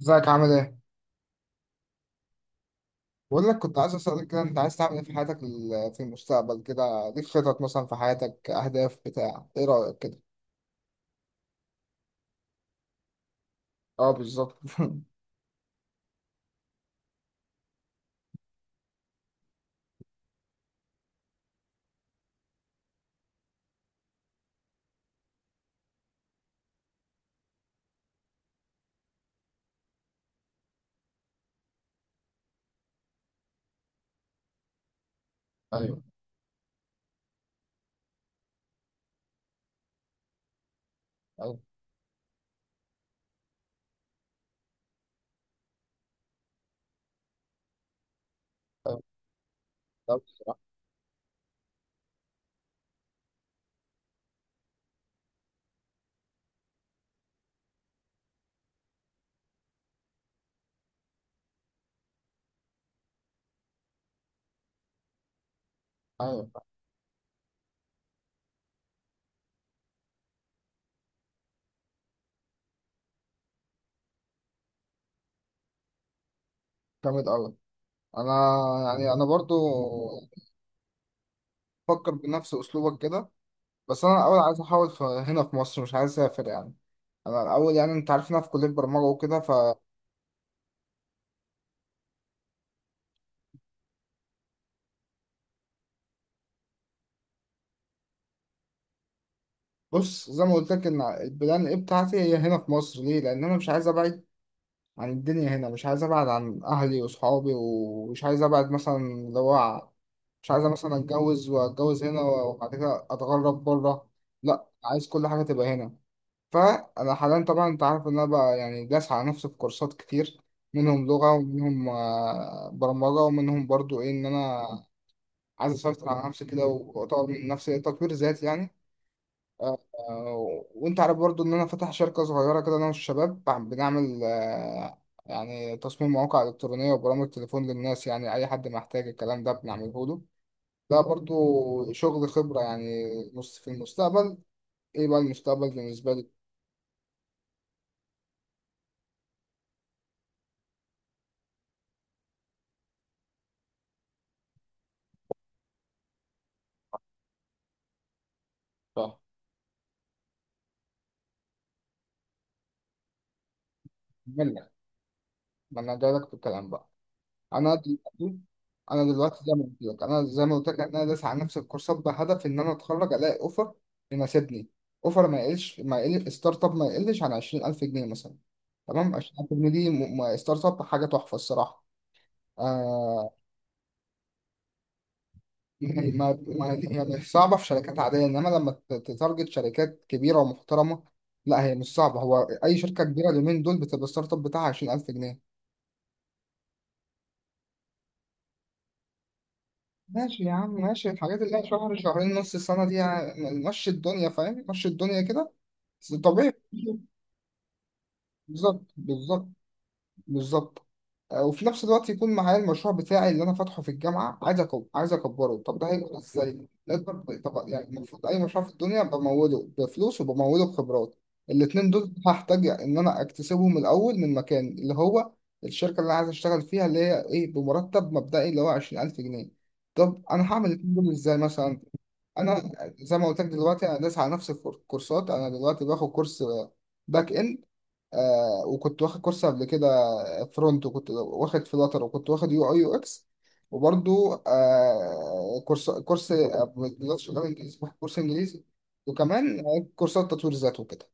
ازيك عامل ايه؟ بقول لك كنت عايز اسألك كده، انت عايز تعمل ايه في حياتك في المستقبل كده؟ ليك خطط مثلا في حياتك، اهداف، بتاع ايه رأيك كده؟ اه بالظبط ايوه، ايوه، ايوه. لا بصراحة، ايوه. جامد قوي. انا، يعني انا برضو بفكر بنفس اسلوبك كده، بس انا الاول عايز احاول في هنا في مصر، مش عايز اسافر يعني. انا الاول، يعني انت عارف إن انا في كليه برمجه وكده. فبص، زي ما قلت لك ان البلان ايه بتاعتي، هي هنا في مصر. ليه؟ لان انا مش عايز ابعد عن الدنيا هنا، مش عايز ابعد عن اهلي واصحابي، ومش عايز ابعد مثلا مش عايز مثلا اتجوز، واتجوز هنا وبعد كده اتغرب بره. لا، عايز كل حاجه تبقى هنا. فانا حاليا طبعا انت عارف ان انا بقى يعني داس على نفسي في كورسات كتير، منهم لغه ومنهم برمجه، ومنهم برضو ايه، ان انا عايز اسيطر على نفسي كده واطور من نفسي، تطوير ذاتي يعني. آه، وانت عارف برضو ان انا فاتح شركة صغيرة كده، انا والشباب بنعمل يعني تصميم مواقع الكترونية وبرامج تليفون للناس. يعني اي حد محتاج الكلام ده بنعمله له. ده برضو شغل خبرة يعني. نص في المستقبل، ايه بقى المستقبل بالنسبة لي؟ صح. ملة. ما انا جايلك في الكلام بقى. انا دلوقتي انا دلوقتي زي ما قلت لك، انا داس على نفس الكورسات بهدف ان انا اتخرج الاقي اوفر يناسبني. اوفر ما يقل ستارت اب، ما يقلش عن 20,000 جنيه مثلا. تمام، 20,000 جنيه دي ستارت اب، حاجه تحفه الصراحه. آه. يعني ما هي مش صعبه في شركات عاديه، انما لما تتارجت شركات كبيره ومحترمه، لا هي مش صعبه. هو اي شركه كبيره اليومين دول بتبقى الستارت اب بتاعها 20,000 جنيه. ماشي يا عم، ماشي، الحاجات اللي هي شهر شهرين نص السنة دي يعني. مشي الدنيا، فاهم، مشي الدنيا كده. بس طبيعي. بالظبط، بالظبط، بالظبط. وفي نفس الوقت يكون معايا المشروع بتاعي اللي انا فاتحه في الجامعه. عايز عايز اكبره. طب ده هيكبر ازاي؟ لازم، طب يعني المفروض اي مشروع في الدنيا بموله بفلوس وبموله بخبرات. الاتنين دول هحتاج ان انا اكتسبهم الاول من مكان، اللي هو الشركه اللي انا عايز اشتغل فيها، اللي هي ايه، بمرتب مبدئي اللي هو 20,000 جنيه. طب انا هعمل الاتنين دول ازاي مثلا؟ انا زي ما قلت لك دلوقتي، انا داس على نفس الكورسات. انا دلوقتي باخد كورس باك اند، آه، وكنت واخد كورس قبل كده فرونت، وكنت واخد فلاتر، وكنت واخد يو اي يو اكس. وبرضو آه كورس كورس آه، مش شغال انجليزي، واخد كورس انجليزي. وكمان كورسات تطوير ذات وكده.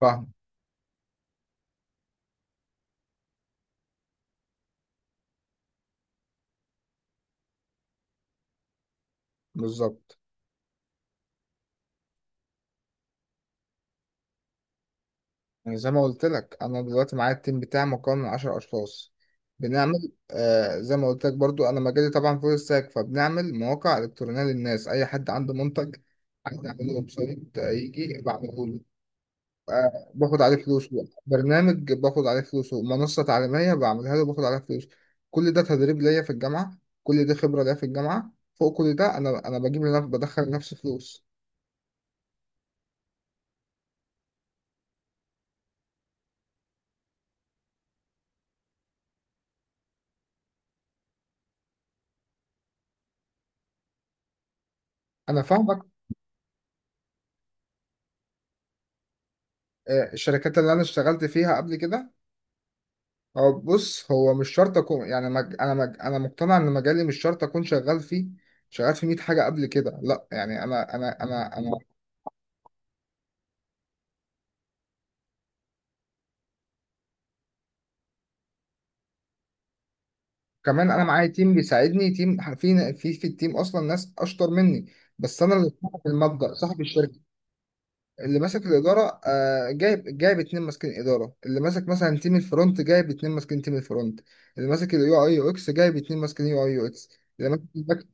فاهم. بالظبط. يعني زي ما قلت لك انا دلوقتي معايا التيم بتاعي، مكون من 10 اشخاص، بنعمل زي ما قلت لك برضو. انا مجالي طبعا فول ستاك، فبنعمل مواقع الكترونيه للناس، اي حد عنده منتج عايز يعمل له ويب سايت، يجي بعمله له. آه، باخد عليه فلوس. برنامج، باخد عليه فلوس. منصه تعليميه بعملها له، باخد عليها فلوس. كل ده تدريب ليا في الجامعه، كل ده خبره ليا في الجامعه. فوق كل ده، انا بجيب لنفسي، بدخل لنفسي فلوس. انا فاهمك. الشركات اللي انا اشتغلت فيها قبل كده، هو بص، هو مش شرط اكون يعني، انا مقتنع ان مجالي مش شرط اكون شغال فيه، شغال في 100 حاجه قبل كده. لا يعني انا كمان انا معايا تيم بيساعدني، تيم في، التيم اصلا ناس اشطر مني، بس انا اللي صاحب المبدأ، صاحب الشركه. اللي ماسك الاداره، آه، جايب اتنين ماسكين اداره. اللي ماسك مثلا تيم الفرونت، جايب اتنين ماسكين تيم الفرونت. اللي ماسك اليو اي يو اكس، جايب اتنين ماسكين يو اي يو اكس. اللي ماسك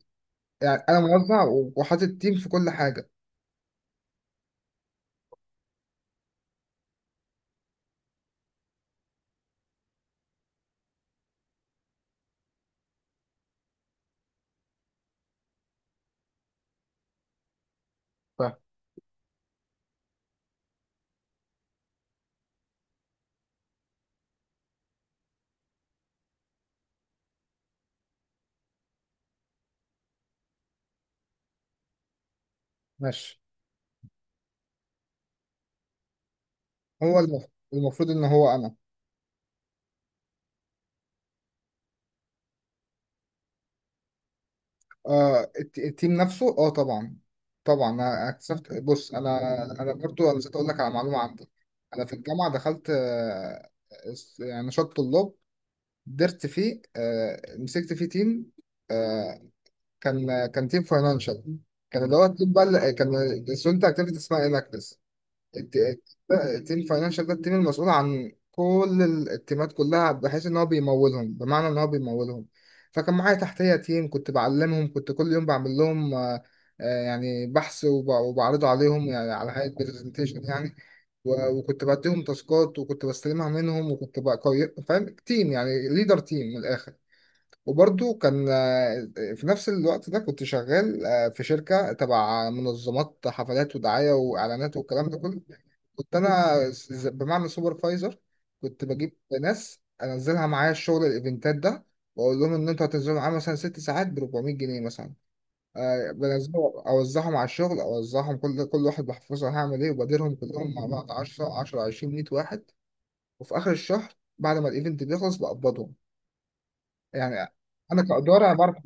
يعني انا موزع، وحاطط تيم في كل حاجه. فاهم. ماشي. هو المفروض ان هو انا. آه، التيم نفسه، اه طبعا، طبعا. انا اكتشفت، بص، انا انا برضو انا نسيت اقول لك على معلومه عندي. انا في الجامعه دخلت، آه، يعني نشاط طلاب، درت فيه، آه، مسكت فيه تيم. آه، كان تيم فاينانشال، كان اللي هو التيم بقى كان الستودنت اكتيفيتي اسمها اناكتس. التيم فاينانشال ده التيم المسؤول عن كل التيمات كلها، بحيث ان هو بيمولهم، بمعنى ان هو بيمولهم. فكان معايا تحتيه تيم، كنت بعلمهم، كنت كل يوم بعمل لهم يعني بحث وبعرضه عليهم، يعني على هيئه برزنتيشن يعني. وكنت بديهم تاسكات، وكنت بستلمها منهم، وكنت بقى فاهم تيم، يعني ليدر تيم من الاخر. وبرضو كان، في نفس الوقت ده كنت شغال في شركة تبع منظمات حفلات ودعاية وإعلانات والكلام ده كله. كنت أنا بمعنى سوبرفايزر، كنت بجيب ناس أنزلها معايا الشغل، الإيفنتات ده، وأقول لهم إن أنتوا هتنزلوا معايا مثلا 6 ساعات ب 400 جنيه مثلا. بنزلهم أوزعهم على الشغل، أوزعهم كل واحد بحفظها هعمل إيه، وبديرهم كلهم مع بعض، 10 10 20 100 واحد. وفي آخر الشهر بعد ما الإيفنت بيخلص بقبضهم. يعني انا كاداره بعرف.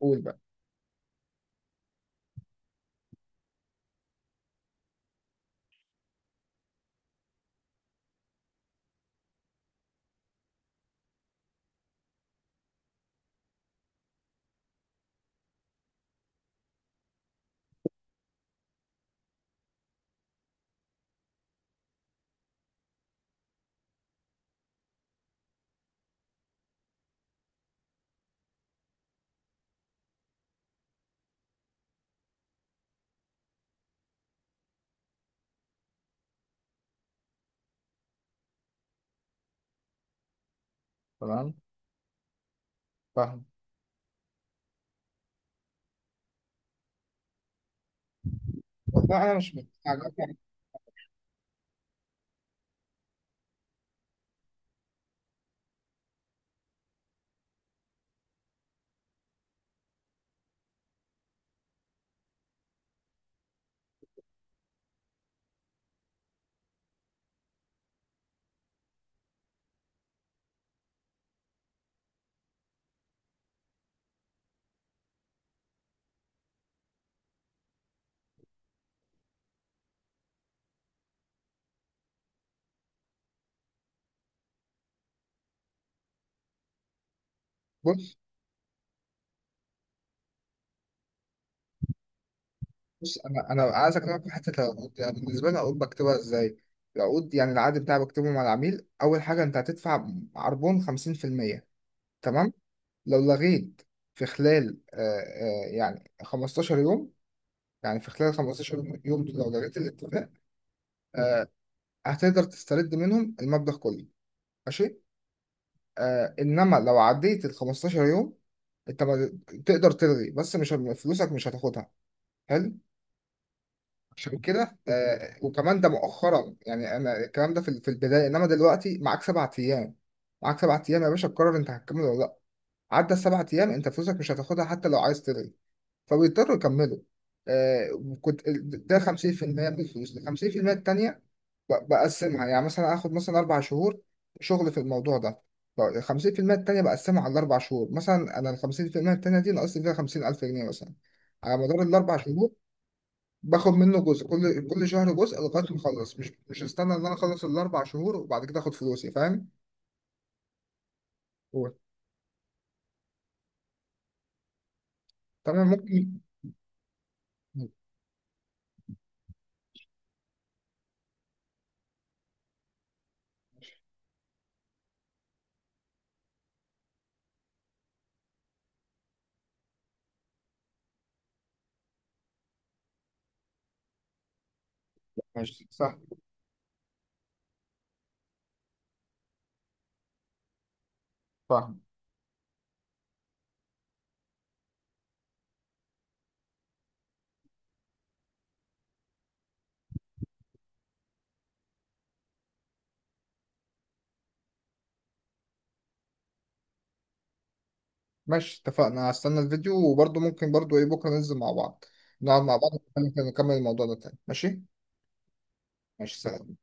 قول بقى. تمام. فاهم. والله انا مش مستعجب يعني. بص، بص انا انا عايز اكلمك في حته العقود. يعني بالنسبه لي العقود بكتبها ازاي، العقود، يعني العقد بتاعي بكتبه مع العميل، اول حاجه انت هتدفع عربون 50%. تمام، لو لغيت في خلال، 15 يوم، يعني في خلال 15 يوم يوم دول، لو لغيت الاتفاق، آه هتقدر تسترد منهم المبلغ كله. ماشي. آه، انما لو عديت ال 15 يوم، انت ما تقدر تلغي، بس مش فلوسك مش هتاخدها. حلو. عشان كده، وكمان ده مؤخرا، يعني انا الكلام ده في البدايه، انما دلوقتي معاك 7 ايام، معاك 7 ايام يا باشا، تقرر انت هتكمل ولا لا. عدى ال 7 ايام انت فلوسك مش هتاخدها، حتى لو عايز تلغي، فبيضطروا يكملوا. آه، كنت ده 50% من الفلوس. ال 50% التانيه بقسمها، يعني مثلا اخد مثلا 4 شهور شغل في الموضوع ده، ال 50% التانيه بقسمها على ال 4 شهور، مثلا انا ال 50% التانيه دي ناقصت فيها 50,000 جنيه مثلا على مدار ال 4 شهور، باخد منه جزء كل شهر جزء لغايه ما اخلص، مش مش استنى ان انا اخلص ال 4 شهور وبعد كده اخد فلوسي، فاهم. هو تمام، ممكن. ماشي سهل. فاهم. ماشي اتفقنا، هستنى الفيديو، وبرضه ممكن برضه ايه بكره ننزل مع بعض، نقعد مع بعض، ونكمل الموضوع ده تاني. ماشي. ماشي سلام.